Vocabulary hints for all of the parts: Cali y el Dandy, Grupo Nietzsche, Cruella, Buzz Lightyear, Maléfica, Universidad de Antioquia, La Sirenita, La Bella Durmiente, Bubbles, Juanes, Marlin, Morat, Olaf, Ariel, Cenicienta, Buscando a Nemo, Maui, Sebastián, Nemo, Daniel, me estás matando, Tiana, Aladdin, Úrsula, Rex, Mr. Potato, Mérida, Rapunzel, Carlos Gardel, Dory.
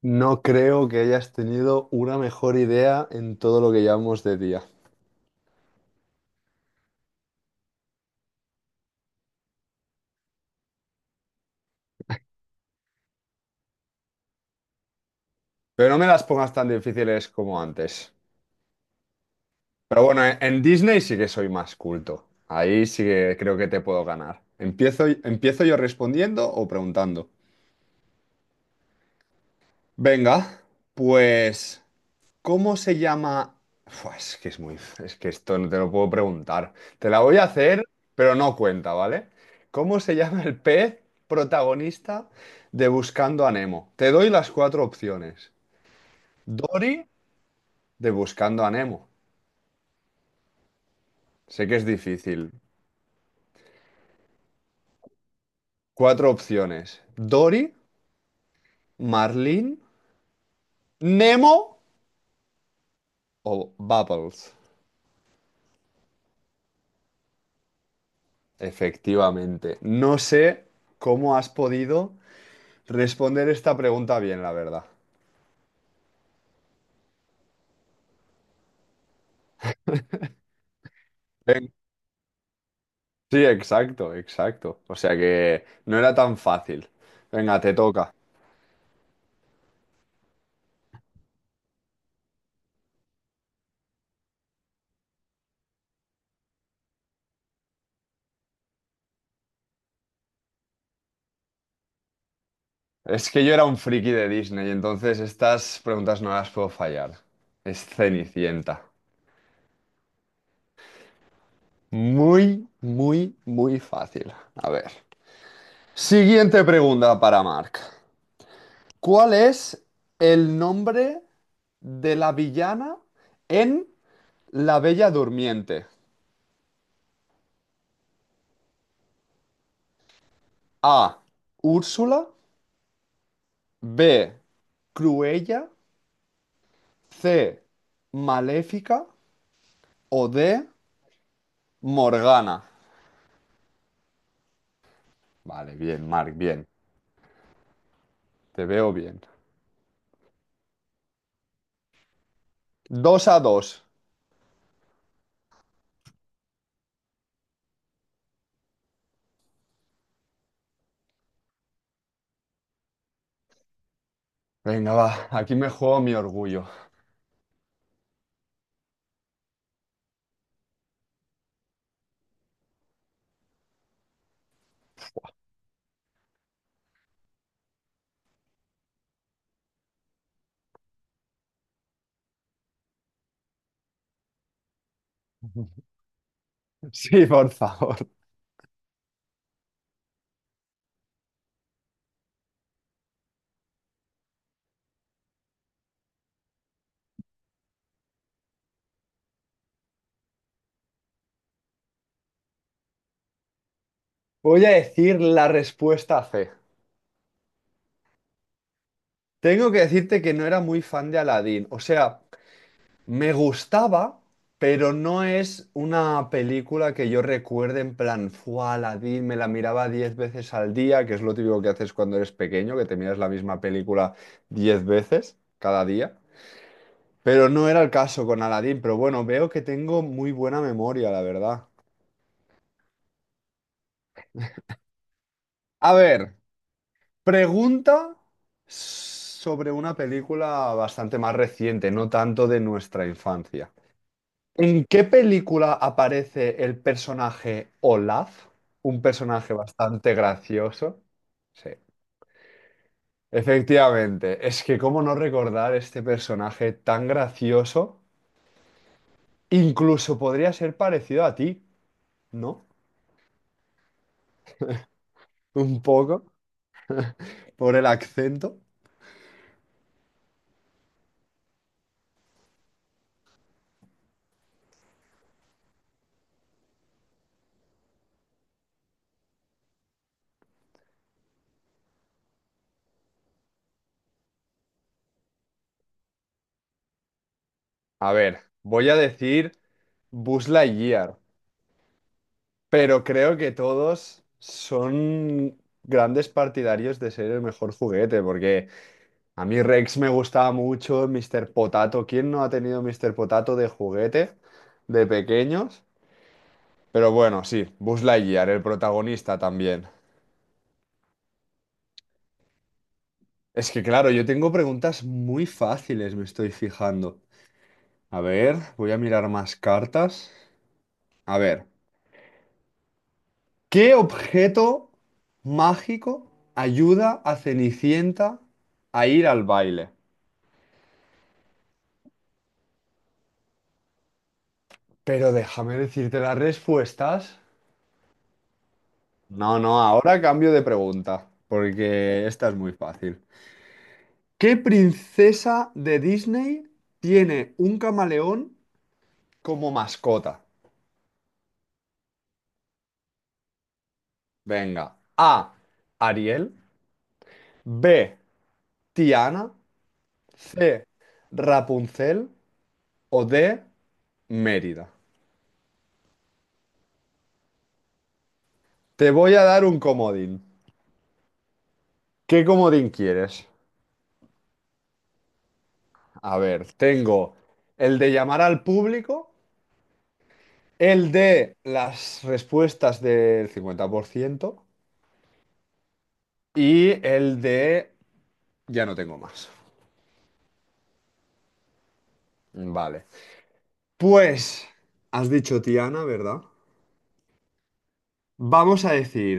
No creo que hayas tenido una mejor idea en todo lo que llevamos de día. Pero no me las pongas tan difíciles como antes. Pero bueno, en Disney sí que soy más culto. Ahí sí que creo que te puedo ganar. ¿Empiezo yo respondiendo o preguntando? Venga, pues ¿cómo se llama? Fua, es que es muy. Es que esto no te lo puedo preguntar. Te la voy a hacer, pero no cuenta, ¿vale? ¿Cómo se llama el pez protagonista de Buscando a Nemo? Te doy las cuatro opciones. Dory de Buscando a Nemo. Sé que es difícil. Cuatro opciones. Dory, Marlin, Nemo o Bubbles. Efectivamente. No sé cómo has podido responder esta pregunta bien, la verdad. Sí, exacto, exacto. O sea que no era tan fácil. Venga, te toca. Es que yo era un friki de Disney, entonces estas preguntas no las puedo fallar. Es Cenicienta. Muy, muy, muy fácil. A ver. Siguiente pregunta para Mark. ¿Cuál es el nombre de la villana en La Bella Durmiente? A, Úrsula. B, Cruella. C, Maléfica, o D, Morgana. Vale, bien, Mark, bien. Te veo bien. Dos a dos. Venga, va, aquí me juego mi orgullo. Sí, por favor. Voy a decir la respuesta C. Tengo que decirte que no era muy fan de Aladdin. O sea, me gustaba, pero no es una película que yo recuerde en plan, fue la, me la miraba 10 veces al día, que es lo típico que haces cuando eres pequeño, que te miras la misma película 10 veces cada día. Pero no era el caso con Aladdin, pero bueno, veo que tengo muy buena memoria, la verdad. A ver, pregunta sobre una película bastante más reciente, no tanto de nuestra infancia. ¿En qué película aparece el personaje Olaf? Un personaje bastante gracioso. Sí, efectivamente. Es que cómo no recordar este personaje tan gracioso. Incluso podría ser parecido a ti, ¿no? Un poco, por el acento. A ver, voy a decir Buzz Lightyear, pero creo que todos son grandes partidarios de ser el mejor juguete, porque... a mí Rex me gustaba mucho, Mr. Potato. ¿Quién no ha tenido Mr. Potato de juguete de pequeños? Pero bueno, sí, Buzz Lightyear, el protagonista también. Es que claro, yo tengo preguntas muy fáciles, me estoy fijando. A ver, voy a mirar más cartas. A ver, ¿qué objeto mágico ayuda a Cenicienta a ir al baile? Pero déjame decirte las respuestas. No, no, ahora cambio de pregunta, porque esta es muy fácil. ¿Qué princesa de Disney tiene un camaleón como mascota? Venga, A, Ariel; B, Tiana; C, Rapunzel; o D, Mérida. Te voy a dar un comodín. ¿Qué comodín quieres? A ver, tengo el de llamar al público, el de las respuestas del 50%. Y el de... ya no tengo más. Vale. Pues, has dicho Tiana, ¿verdad? Vamos a decir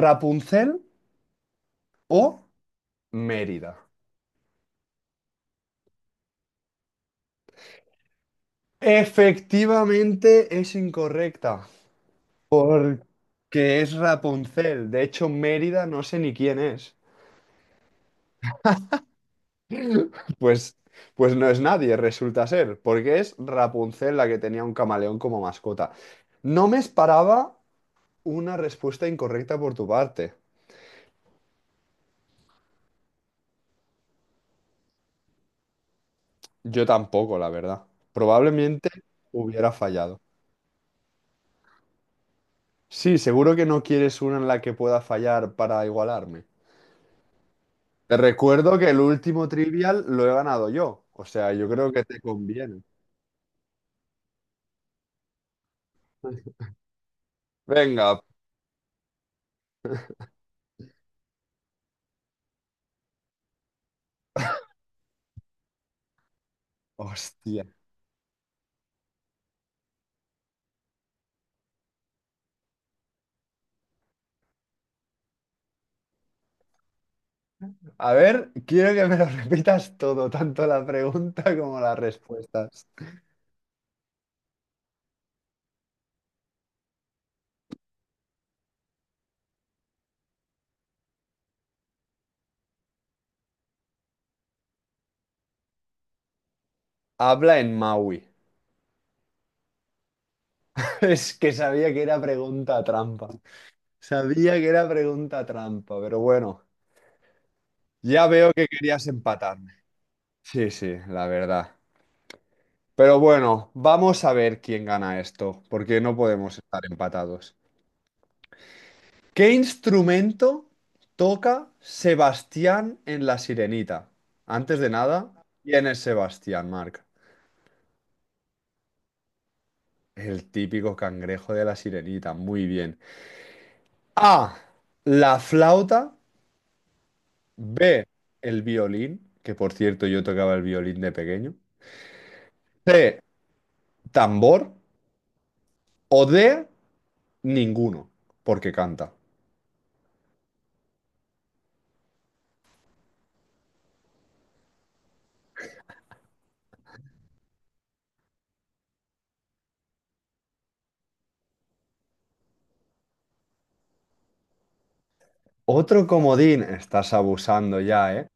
Rapunzel o Mérida. Efectivamente es incorrecta, porque es Rapunzel. De hecho, Mérida no sé ni quién es. Pues, pues no es nadie, resulta ser, porque es Rapunzel la que tenía un camaleón como mascota. No me esperaba una respuesta incorrecta por tu parte. Yo tampoco, la verdad. Probablemente hubiera fallado. Sí, seguro que no quieres una en la que pueda fallar para igualarme. Te recuerdo que el último trivial lo he ganado yo. O sea, yo creo que te conviene. Venga, hostia. A ver, quiero que me lo repitas todo, tanto la pregunta como las respuestas. Habla en Maui. Es que sabía que era pregunta trampa. Sabía que era pregunta trampa, pero bueno, ya veo que querías empatar. Sí, sí, la verdad. Pero bueno, vamos a ver quién gana esto, porque no podemos estar empatados. ¿Qué instrumento toca Sebastián en La Sirenita? Antes de nada, ¿quién es Sebastián, Marc? El típico cangrejo de La Sirenita, muy bien. A, la flauta. B, el violín, que por cierto yo tocaba el violín de pequeño. C, tambor. O D, ninguno, porque canta. Otro comodín, estás abusando ya, ¿eh?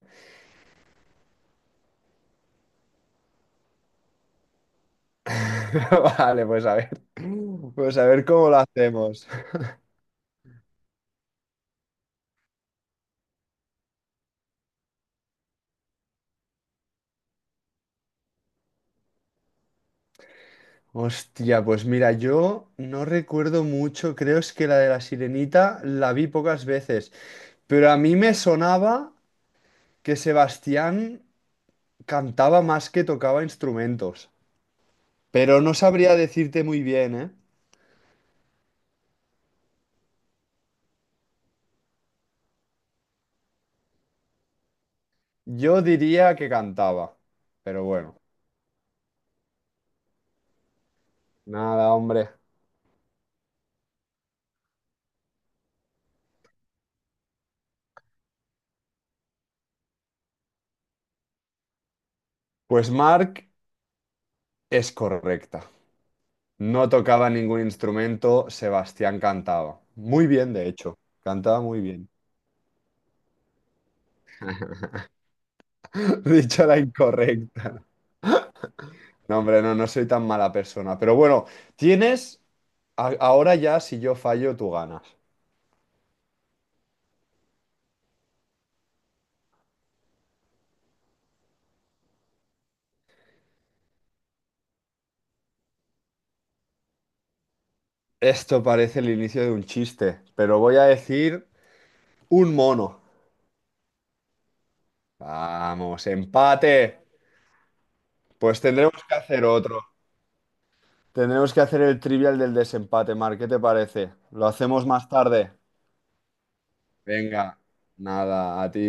Vale, pues a ver cómo lo hacemos. Hostia, pues mira, yo no recuerdo mucho, creo es que la de la Sirenita la vi pocas veces, pero a mí me sonaba que Sebastián cantaba más que tocaba instrumentos, pero no sabría decirte muy bien, ¿eh? Yo diría que cantaba, pero bueno, nada, hombre. Pues Mark es correcta. No tocaba ningún instrumento, Sebastián cantaba. Muy bien, de hecho. Cantaba muy bien. Dicho la incorrecta. No, hombre, no, no soy tan mala persona. Pero bueno, tienes... ahora ya, si yo fallo, tú ganas. Esto parece el inicio de un chiste, pero voy a decir un mono. Vamos, empate. Pues tendremos que hacer otro. Tendremos que hacer el trivial del desempate, Mar. ¿Qué te parece? Lo hacemos más tarde. Venga, nada, a ti.